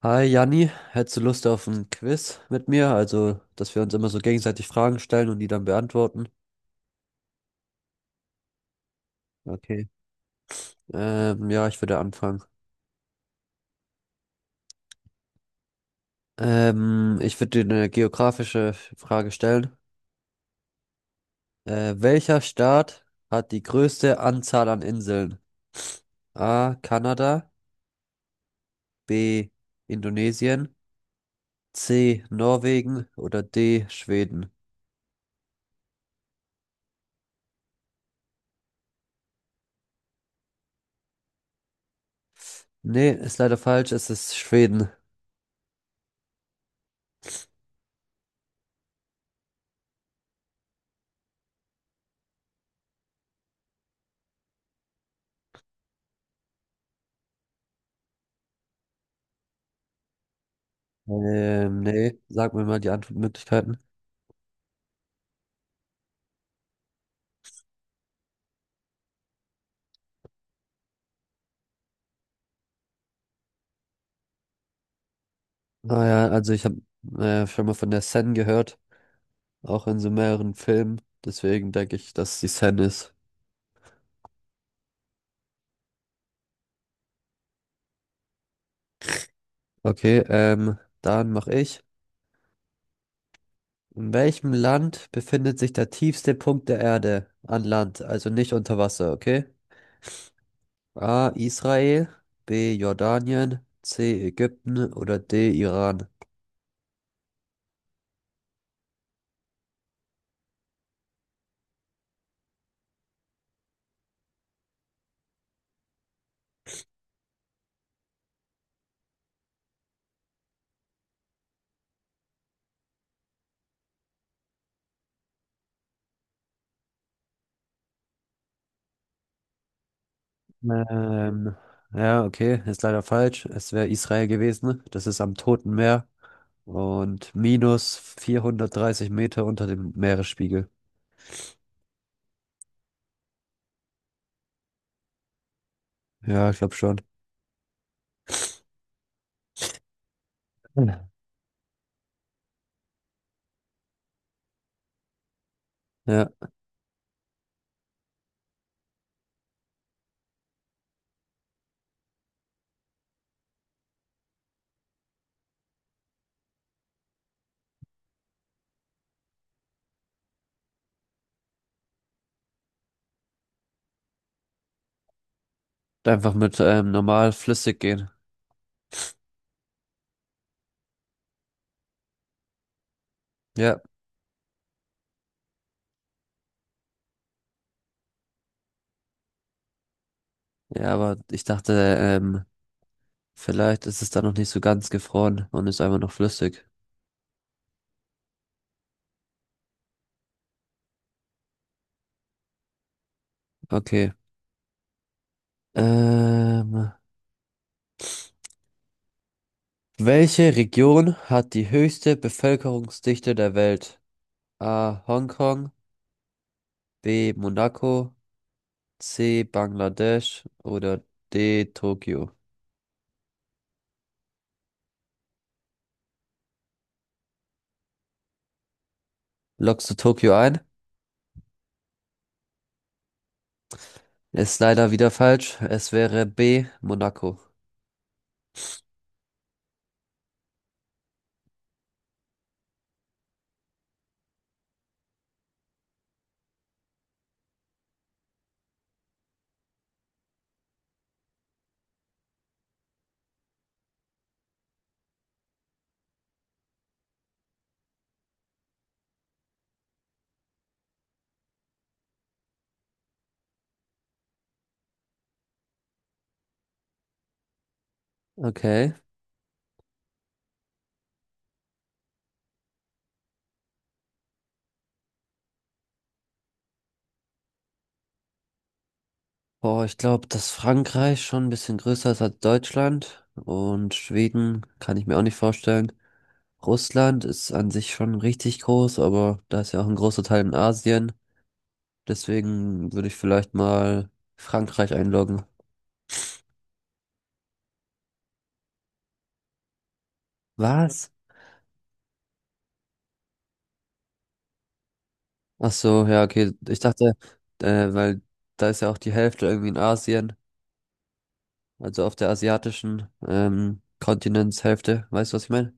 Hi Janni, hättest du Lust auf ein Quiz mit mir? Also, dass wir uns immer so gegenseitig Fragen stellen und die dann beantworten. Okay. Ja, ich würde anfangen. Ich würde dir eine geografische Frage stellen. Welcher Staat hat die größte Anzahl an Inseln? A. Kanada, B. Indonesien, C. Norwegen oder D. Schweden? Nee, ist leider falsch, es ist Schweden. Nee, sag mir mal die Antwortmöglichkeiten. Ah ja, also ich habe schon mal von der Sen gehört, auch in so mehreren Filmen. Deswegen denke ich, dass die Sen ist. Okay, dann mache ich. In welchem Land befindet sich der tiefste Punkt der Erde an Land, also nicht unter Wasser, okay? A. Israel, B. Jordanien, C. Ägypten oder D. Iran. Ähm, ja, okay, ist leider falsch. Es wäre Israel gewesen. Das ist am Toten Meer. Und minus 430 Meter unter dem Meeresspiegel. Ja, ich glaube schon. Hm. Ja, einfach mit normal flüssig gehen. Ja, ja, aber ich dachte, ähm, vielleicht ist es da noch nicht so ganz gefroren und ist einfach noch flüssig. Okay. Ähm, welche Region hat die höchste Bevölkerungsdichte der Welt? A. Hongkong, B. Monaco, C. Bangladesch oder D. Tokio. Loggst du Tokio ein? Ist leider wieder falsch. Es wäre B, Monaco. Okay. Boah, ich glaube, dass Frankreich schon ein bisschen größer ist als Deutschland. Und Schweden kann ich mir auch nicht vorstellen. Russland ist an sich schon richtig groß, aber da ist ja auch ein großer Teil in Asien. Deswegen würde ich vielleicht mal Frankreich einloggen. Was? Ach so, ja, okay. Ich dachte, weil da ist ja auch die Hälfte irgendwie in Asien, also auf der asiatischen Kontinentshälfte. Weißt du, was ich meine?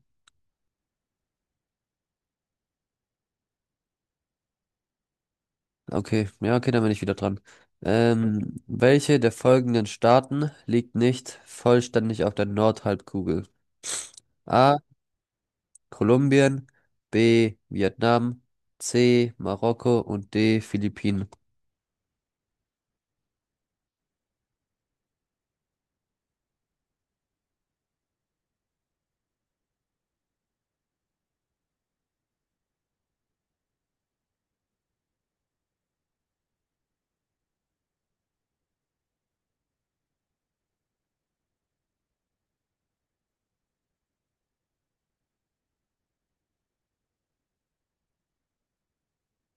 Okay, ja, okay, dann bin ich wieder dran. Welche der folgenden Staaten liegt nicht vollständig auf der Nordhalbkugel? A. Kolumbien, B. Vietnam, C. Marokko und D. Philippinen.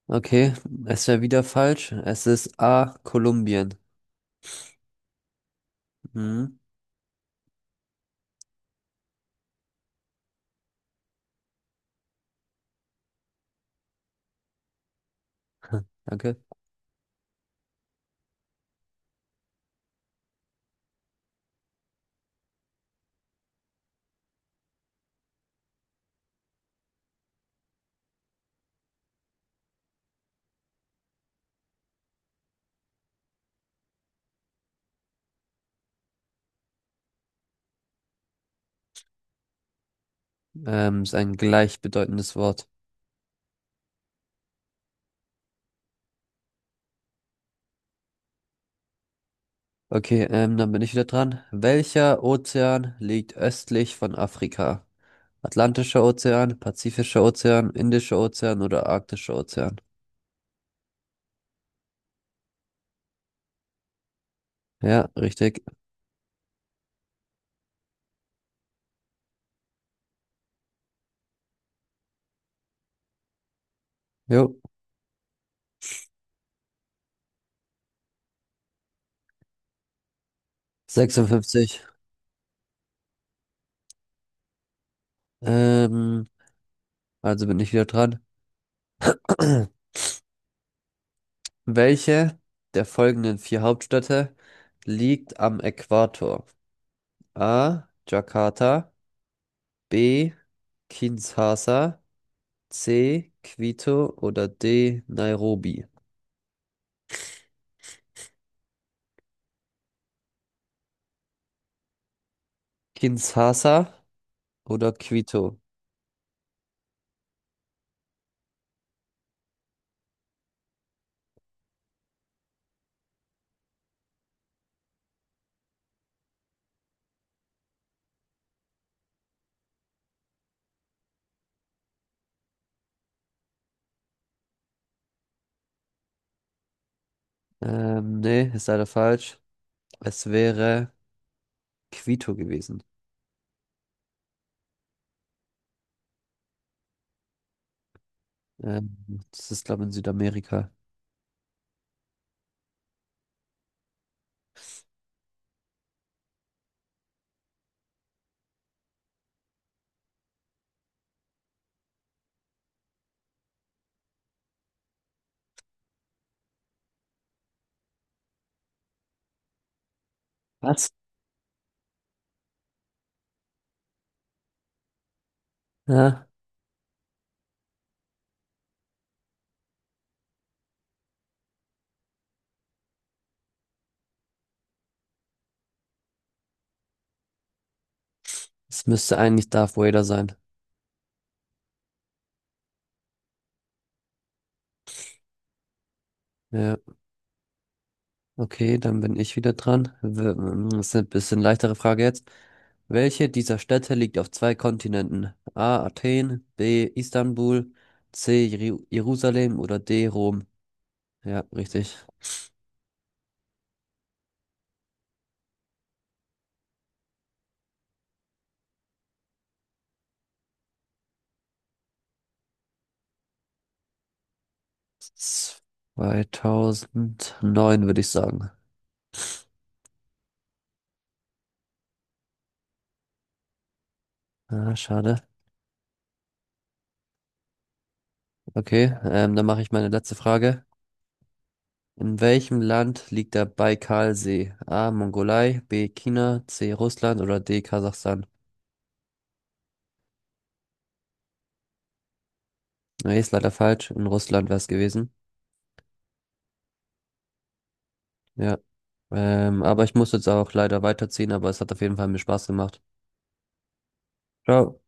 Okay, es wäre wieder falsch. Es ist A. Kolumbien. Mhm. Danke. Ist ein gleichbedeutendes Wort. Okay, dann bin ich wieder dran. Welcher Ozean liegt östlich von Afrika? Atlantischer Ozean, Pazifischer Ozean, Indischer Ozean oder Arktischer Ozean? Ja, richtig. Jo. 56. Ähm, also bin ich wieder dran. Welche der folgenden vier Hauptstädte liegt am Äquator? A. Jakarta, B. Kinshasa, C. Quito oder D. Nairobi? Kinshasa oder Quito? Nee, ist leider falsch. Es wäre Quito gewesen. Ähm, das ist, glaube ich, in Südamerika. Was? Ja, es müsste eigentlich Darth Vader sein. Ja, okay, dann bin ich wieder dran. Das ist eine bisschen leichtere Frage jetzt. Welche dieser Städte liegt auf zwei Kontinenten? A. Athen, B. Istanbul, C. Jerusalem oder D. Rom? Ja, richtig. 2009 würde ich sagen. Ah, schade. Okay, dann mache ich meine letzte Frage. In welchem Land liegt der Baikalsee? A. Mongolei, B. China, C. Russland oder D. Kasachstan? Nee, ist leider falsch. In Russland wäre es gewesen. Ja. Aber ich muss jetzt auch leider weiterziehen, aber es hat auf jeden Fall mir Spaß gemacht. Ciao.